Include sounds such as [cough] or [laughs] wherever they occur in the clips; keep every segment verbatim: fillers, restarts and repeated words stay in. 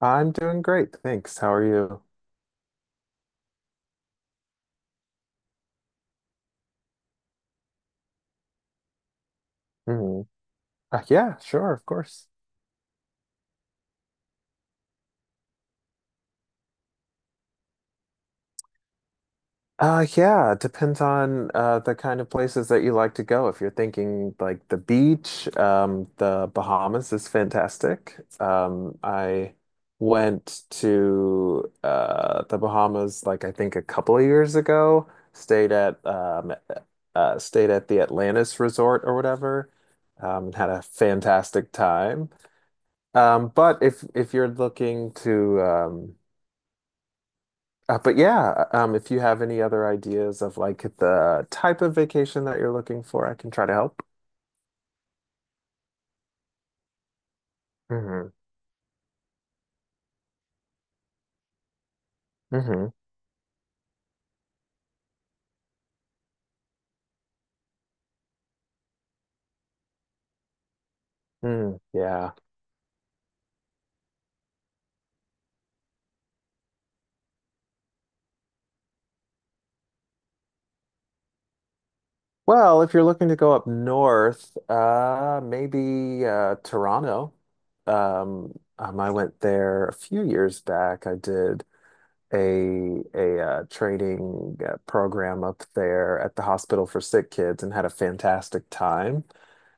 I'm doing great, thanks. How are you? Hmm. Uh, yeah, sure, of course. Uh, yeah, it depends on uh, the kind of places that you like to go. If you're thinking like the beach, um, the Bahamas is fantastic. Um, I went to uh, the Bahamas like I think a couple of years ago. Stayed at um, uh, stayed at the Atlantis Resort or whatever. Um, and had a fantastic time. Um, but if if you're looking to um uh, but yeah, uh, um if you have any other ideas of like the type of vacation that you're looking for, I can try to help. Hmm. Hmm. Mm, yeah. Well, if you're looking to go up north, uh maybe uh Toronto. Um, um I went there a few years back. I did a a uh, training uh, program up there at the hospital for sick kids and had a fantastic time.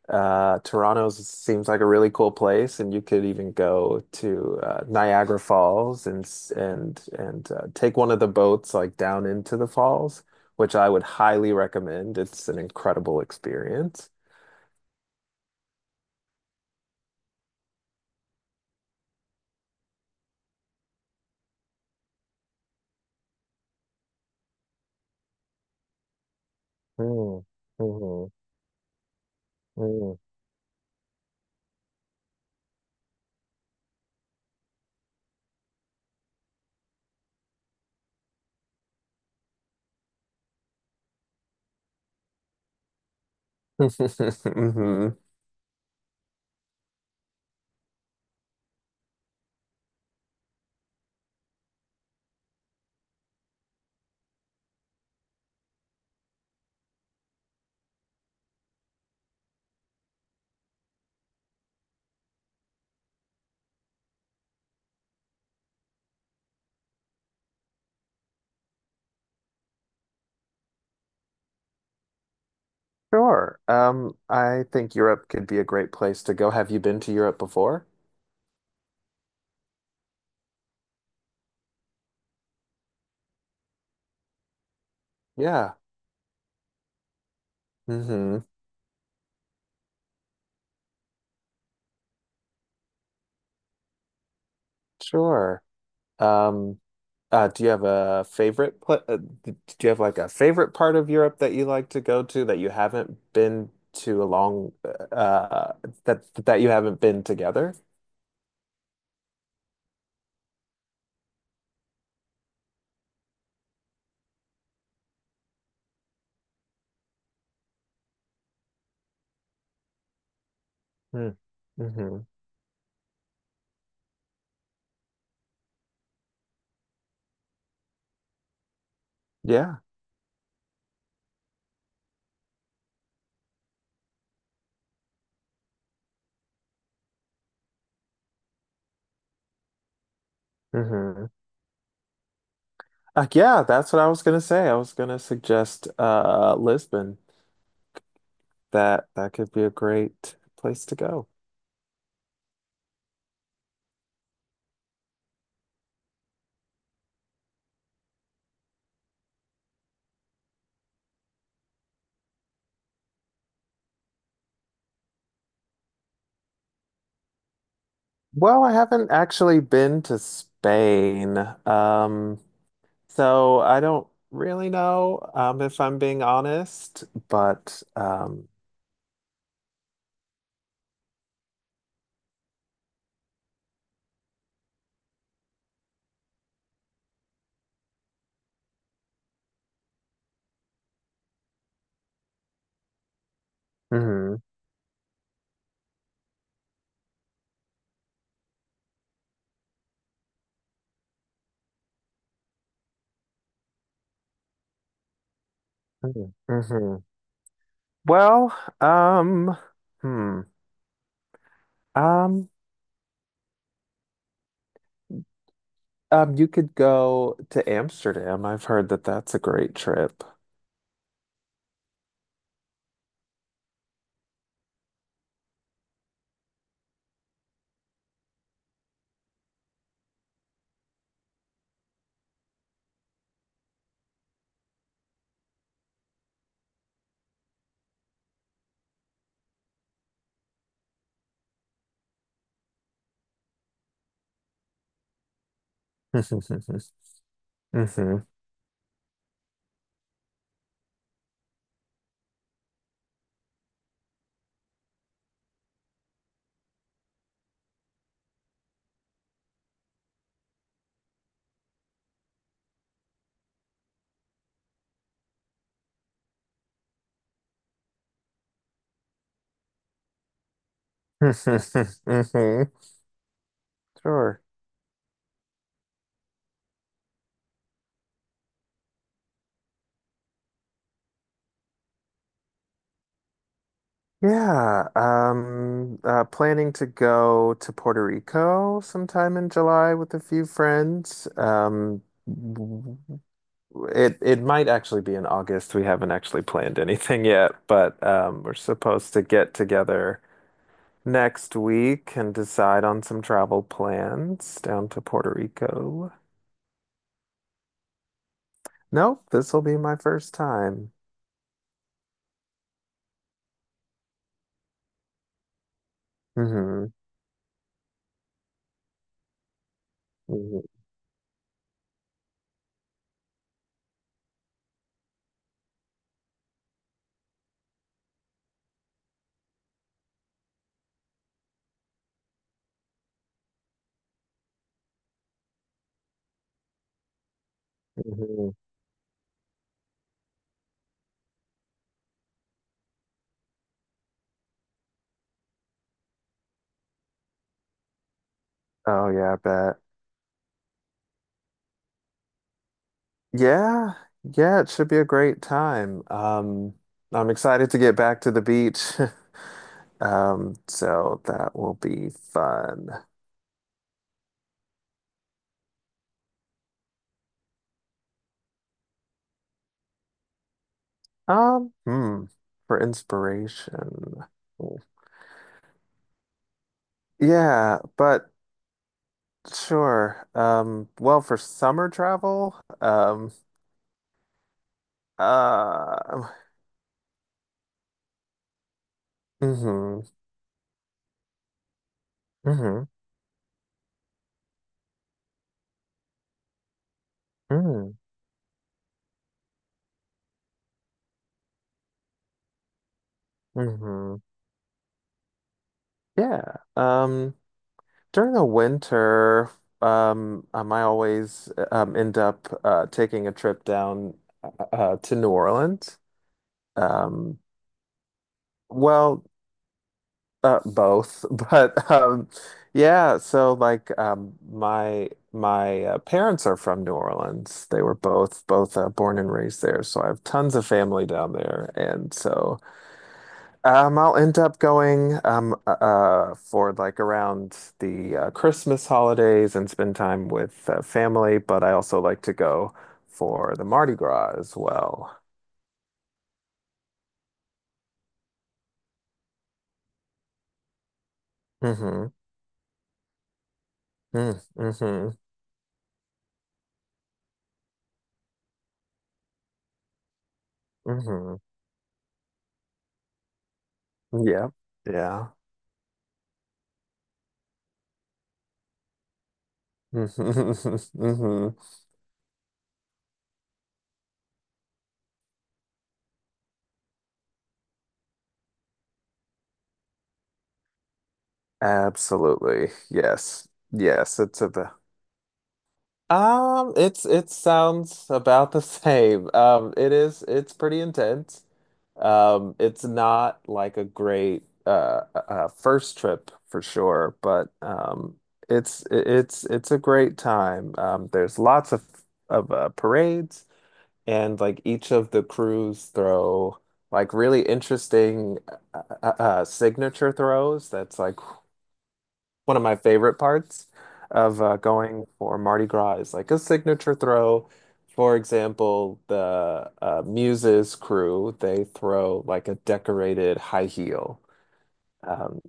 Uh, Toronto seems like a really cool place, and you could even go to uh, Niagara Falls and s- and and uh, take one of the boats like down into the falls, which I would highly recommend. It's an incredible experience. Mm. Mhm. Mm. [laughs] Mhm. Sure. Um, I think Europe could be a great place to go. Have you been to Europe before? Yeah. Hmm. Sure. Um, Uh, do you have a favorite pla uh, d- do you have like a favorite part of Europe that you like to go to that you haven't been to a long uh that that you haven't been together? Hmm. Hmm. Yeah. Hmm. Uh, yeah, that's what I was gonna say. I was gonna suggest uh Lisbon. That that could be a great place to go. Well, I haven't actually been to Spain. Um So I don't really know, um, if I'm being honest, but um, mhm. Mhm. Mhm. Well, um, hmm, um, um, you could go to Amsterdam. I've heard that that's a great trip. [laughs] Hmm. Hmm. Sure. Yeah. Um, uh, planning to go to Puerto Rico sometime in July with a few friends. Um, It it might actually be in August. We haven't actually planned anything yet, but um, we're supposed to get together next week and decide on some travel plans down to Puerto Rico. Nope, this will be my first time. Hmm. Hmm. Hmm. Oh yeah, I bet. Yeah, yeah, it should be a great time. Um, I'm excited to get back to the beach. [laughs] Um, so that will be fun. Um, hmm, for inspiration. Hmm. Yeah, but. Sure. Um, well, for summer travel, um, uh, hmm. Hmm. Hmm. Hmm. Yeah. Um, During the winter, um, um, I always um end up uh taking a trip down uh to New Orleans. Um, well. Uh, both, [laughs] but um, yeah. So like, um, my my uh, parents are from New Orleans. They were both both uh, born and raised there, so I have tons of family down there, and so um, I'll end up going um uh uh, for like around the uh, Christmas holidays and spend time with uh, family. But I also like to go for the Mardi Gras as well. Mm-hmm. Mm-hmm. Mm-hmm. Yeah. Yeah. [laughs] Mm-hmm. Absolutely. Yes. Yes, it's about um it's it sounds about the [laughs] same. Um it is it's pretty intense. Um it's not like a great uh uh first trip for sure, but um it's it's it's a great time. Um there's lots of of uh, parades and like each of the crews throw like really interesting uh, uh, uh, signature throws that's like one of my favorite parts of uh, going for Mardi Gras is like a signature throw. For example, the uh, Muses crew, they throw like a decorated high heel. Um,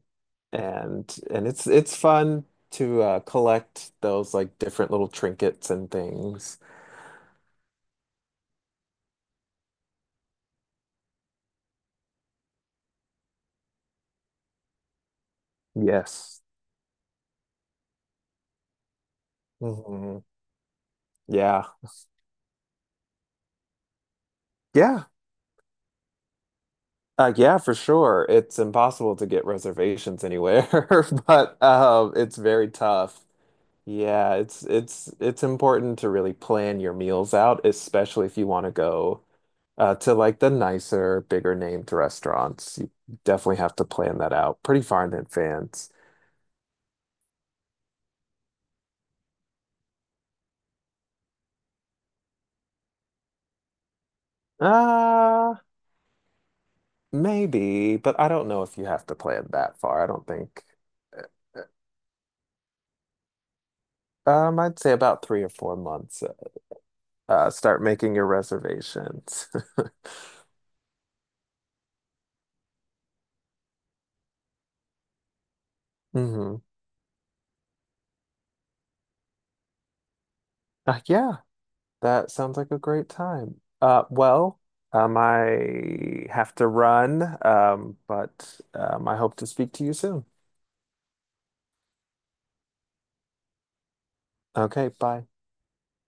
and and it's it's fun to uh, collect those like different little trinkets and things. Yes. Hmm. Yeah. Yeah. Uh, yeah, for sure. It's impossible to get reservations anywhere, [laughs] but um, it's very tough. Yeah, it's it's it's important to really plan your meals out, especially if you want to go uh, to like the nicer, bigger named restaurants. You definitely have to plan that out pretty far in advance. Uh, Maybe, but I don't know if you have to plan that far. I don't think. Um, I'd say about three or four months. Uh, start making your reservations. [laughs] Mm-hmm. Uh, yeah. That sounds like a great time. Uh, well, um, I have to run, um, but um, I hope to speak to you soon. Okay, bye.